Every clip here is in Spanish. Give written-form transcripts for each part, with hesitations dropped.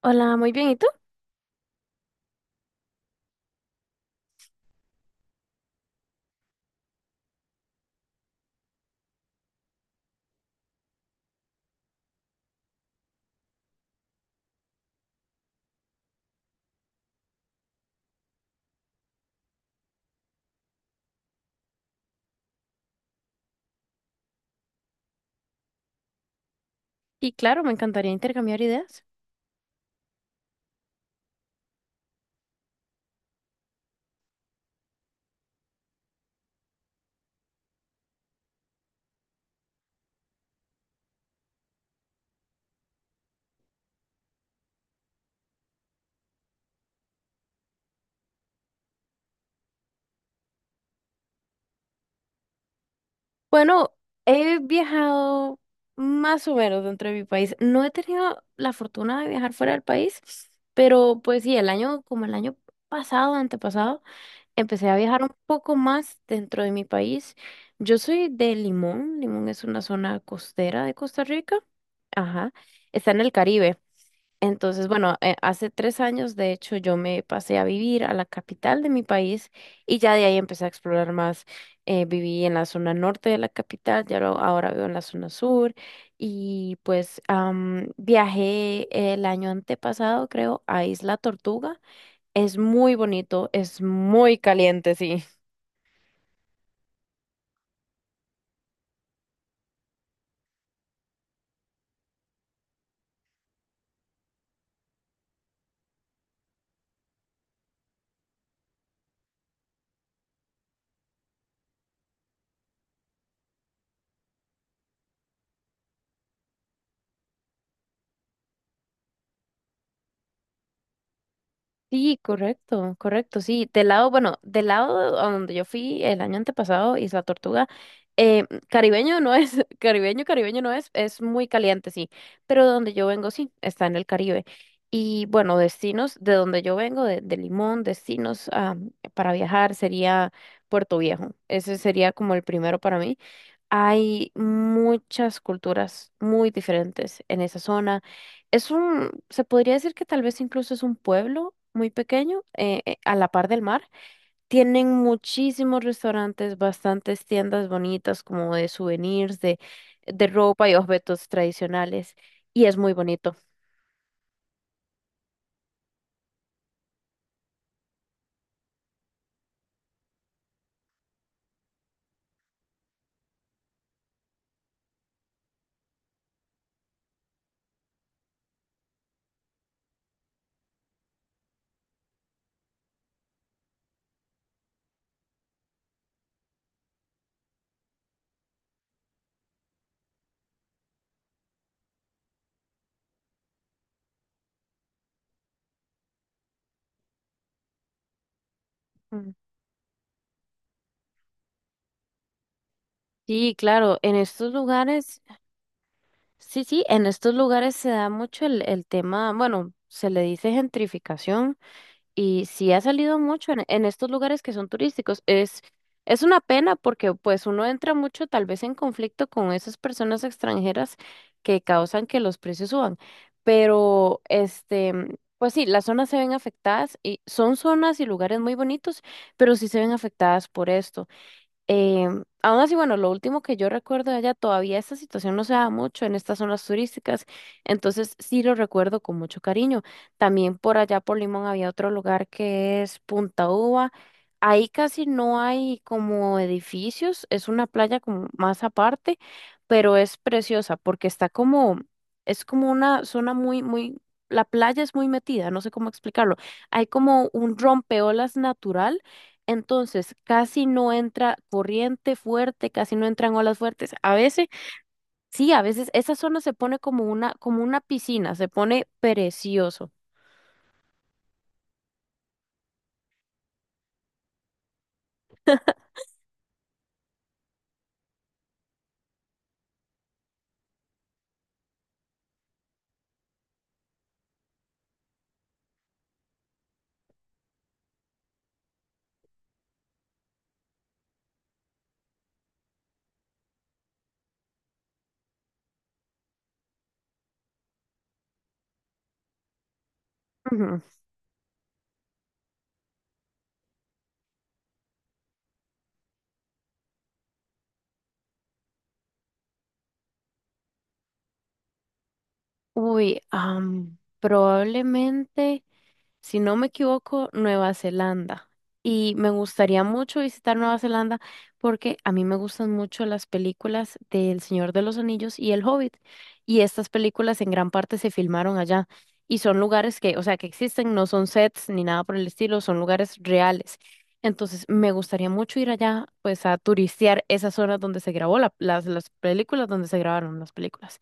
Hola, muy bien. ¿Y tú? Y claro, me encantaría intercambiar ideas. Bueno, he viajado más o menos dentro de mi país. No he tenido la fortuna de viajar fuera del país, pero pues sí, como el año pasado, antepasado, empecé a viajar un poco más dentro de mi país. Yo soy de Limón. Limón es una zona costera de Costa Rica. Ajá. Está en el Caribe. Entonces, bueno, hace 3 años, de hecho, yo me pasé a vivir a la capital de mi país y ya de ahí empecé a explorar más. Viví en la zona norte de la capital, ya ahora vivo en la zona sur y pues viajé el año antepasado, creo, a Isla Tortuga. Es muy bonito, es muy caliente, sí. Sí, correcto, correcto, sí. Bueno, del lado a donde yo fui el año antepasado, Isla Tortuga, caribeño no es, caribeño, caribeño no es, es muy caliente, sí, pero de donde yo vengo, sí, está en el Caribe. Y bueno, destinos de donde yo vengo, de Limón, destinos ah, para viajar sería Puerto Viejo. Ese sería como el primero para mí. Hay muchas culturas muy diferentes en esa zona. Se podría decir que tal vez incluso es un pueblo muy pequeño, a la par del mar. Tienen muchísimos restaurantes, bastantes tiendas bonitas como de souvenirs, de ropa y objetos tradicionales. Y es muy bonito. Mm. Sí, claro, en estos lugares, sí, sí, en estos lugares se da mucho el tema, bueno, se le dice gentrificación y sí ha salido mucho en estos lugares que son turísticos. Es una pena porque pues uno entra mucho tal vez en conflicto con esas personas extranjeras que causan que los precios suban. Pero pues sí, las zonas se ven afectadas y son zonas y lugares muy bonitos, pero sí se ven afectadas por esto. Aún así, bueno, lo último que yo recuerdo de allá, todavía esta situación no se da mucho en estas zonas turísticas, entonces sí lo recuerdo con mucho cariño. También por allá por Limón había otro lugar que es Punta Uva. Ahí casi no hay como edificios, es una playa como más aparte, pero es preciosa porque está como, es como una zona muy, muy, la playa es muy metida, no sé cómo explicarlo. Hay como un rompeolas natural, entonces casi no entra corriente fuerte, casi no entran olas fuertes. A veces, sí, a veces esa zona se pone como una piscina, se pone precioso. Ujú. Uy, probablemente, si no me equivoco, Nueva Zelanda. Y me gustaría mucho visitar Nueva Zelanda porque a mí me gustan mucho las películas de El Señor de los Anillos y El Hobbit. Y estas películas en gran parte se filmaron allá. Y son lugares que, o sea, que existen, no son sets ni nada por el estilo, son lugares reales. Entonces, me gustaría mucho ir allá, pues, a turistear esas zonas donde se grabó las películas, donde se grabaron las películas.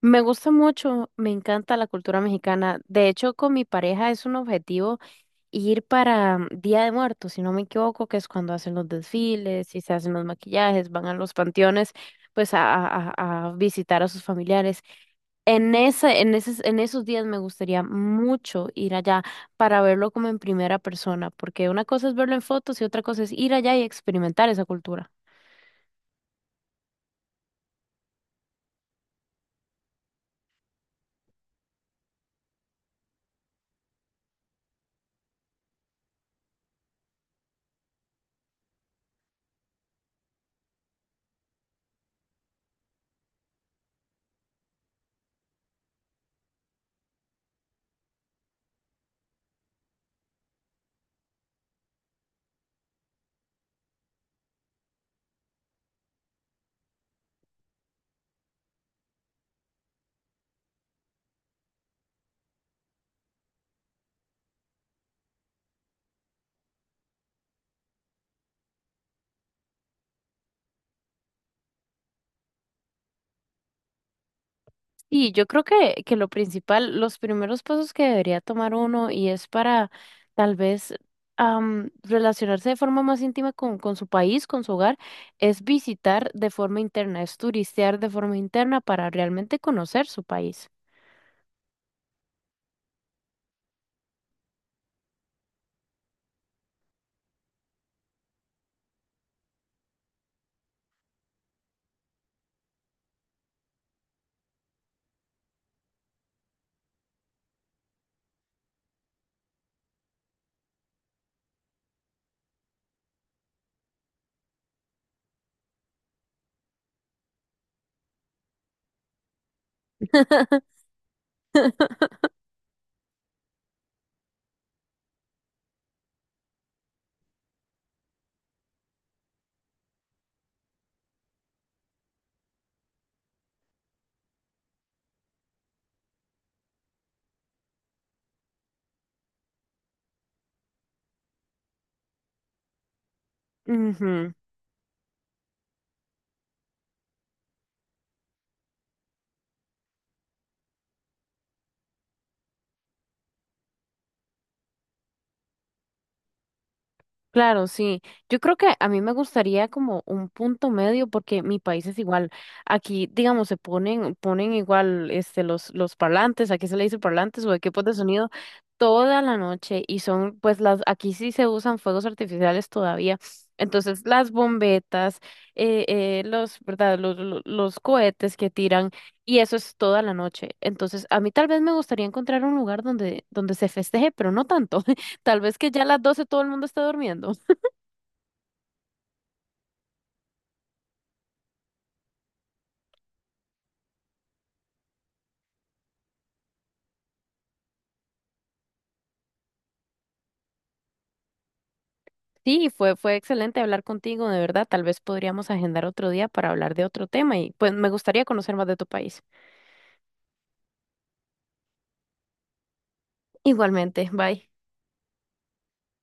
Me gusta mucho, me encanta la cultura mexicana. De hecho, con mi pareja es un objetivo ir para Día de Muertos, si no me equivoco, que es cuando hacen los desfiles y se hacen los maquillajes, van a los panteones, pues a visitar a sus familiares. En esos días me gustaría mucho ir allá para verlo como en primera persona, porque una cosa es verlo en fotos y otra cosa es ir allá y experimentar esa cultura. Y yo creo que lo principal, los primeros pasos que debería tomar uno y es para tal vez relacionarse de forma más íntima con su país, con su hogar, es visitar de forma interna, es turistear de forma interna para realmente conocer su país. Ujú. Claro, sí. Yo creo que a mí me gustaría como un punto medio porque mi país es igual. Aquí, digamos, se ponen, ponen igual este los parlantes, aquí se le dice parlantes o equipos de sonido toda la noche y son pues las aquí sí se usan fuegos artificiales todavía. Entonces, las bombetas, los, ¿verdad? Los cohetes que tiran y eso es toda la noche. Entonces, a mí tal vez me gustaría encontrar un lugar donde donde se festeje, pero no tanto. Tal vez que ya a las 12 todo el mundo esté durmiendo. Sí, fue excelente hablar contigo, de verdad. Tal vez podríamos agendar otro día para hablar de otro tema y pues me gustaría conocer más de tu país. Igualmente, bye.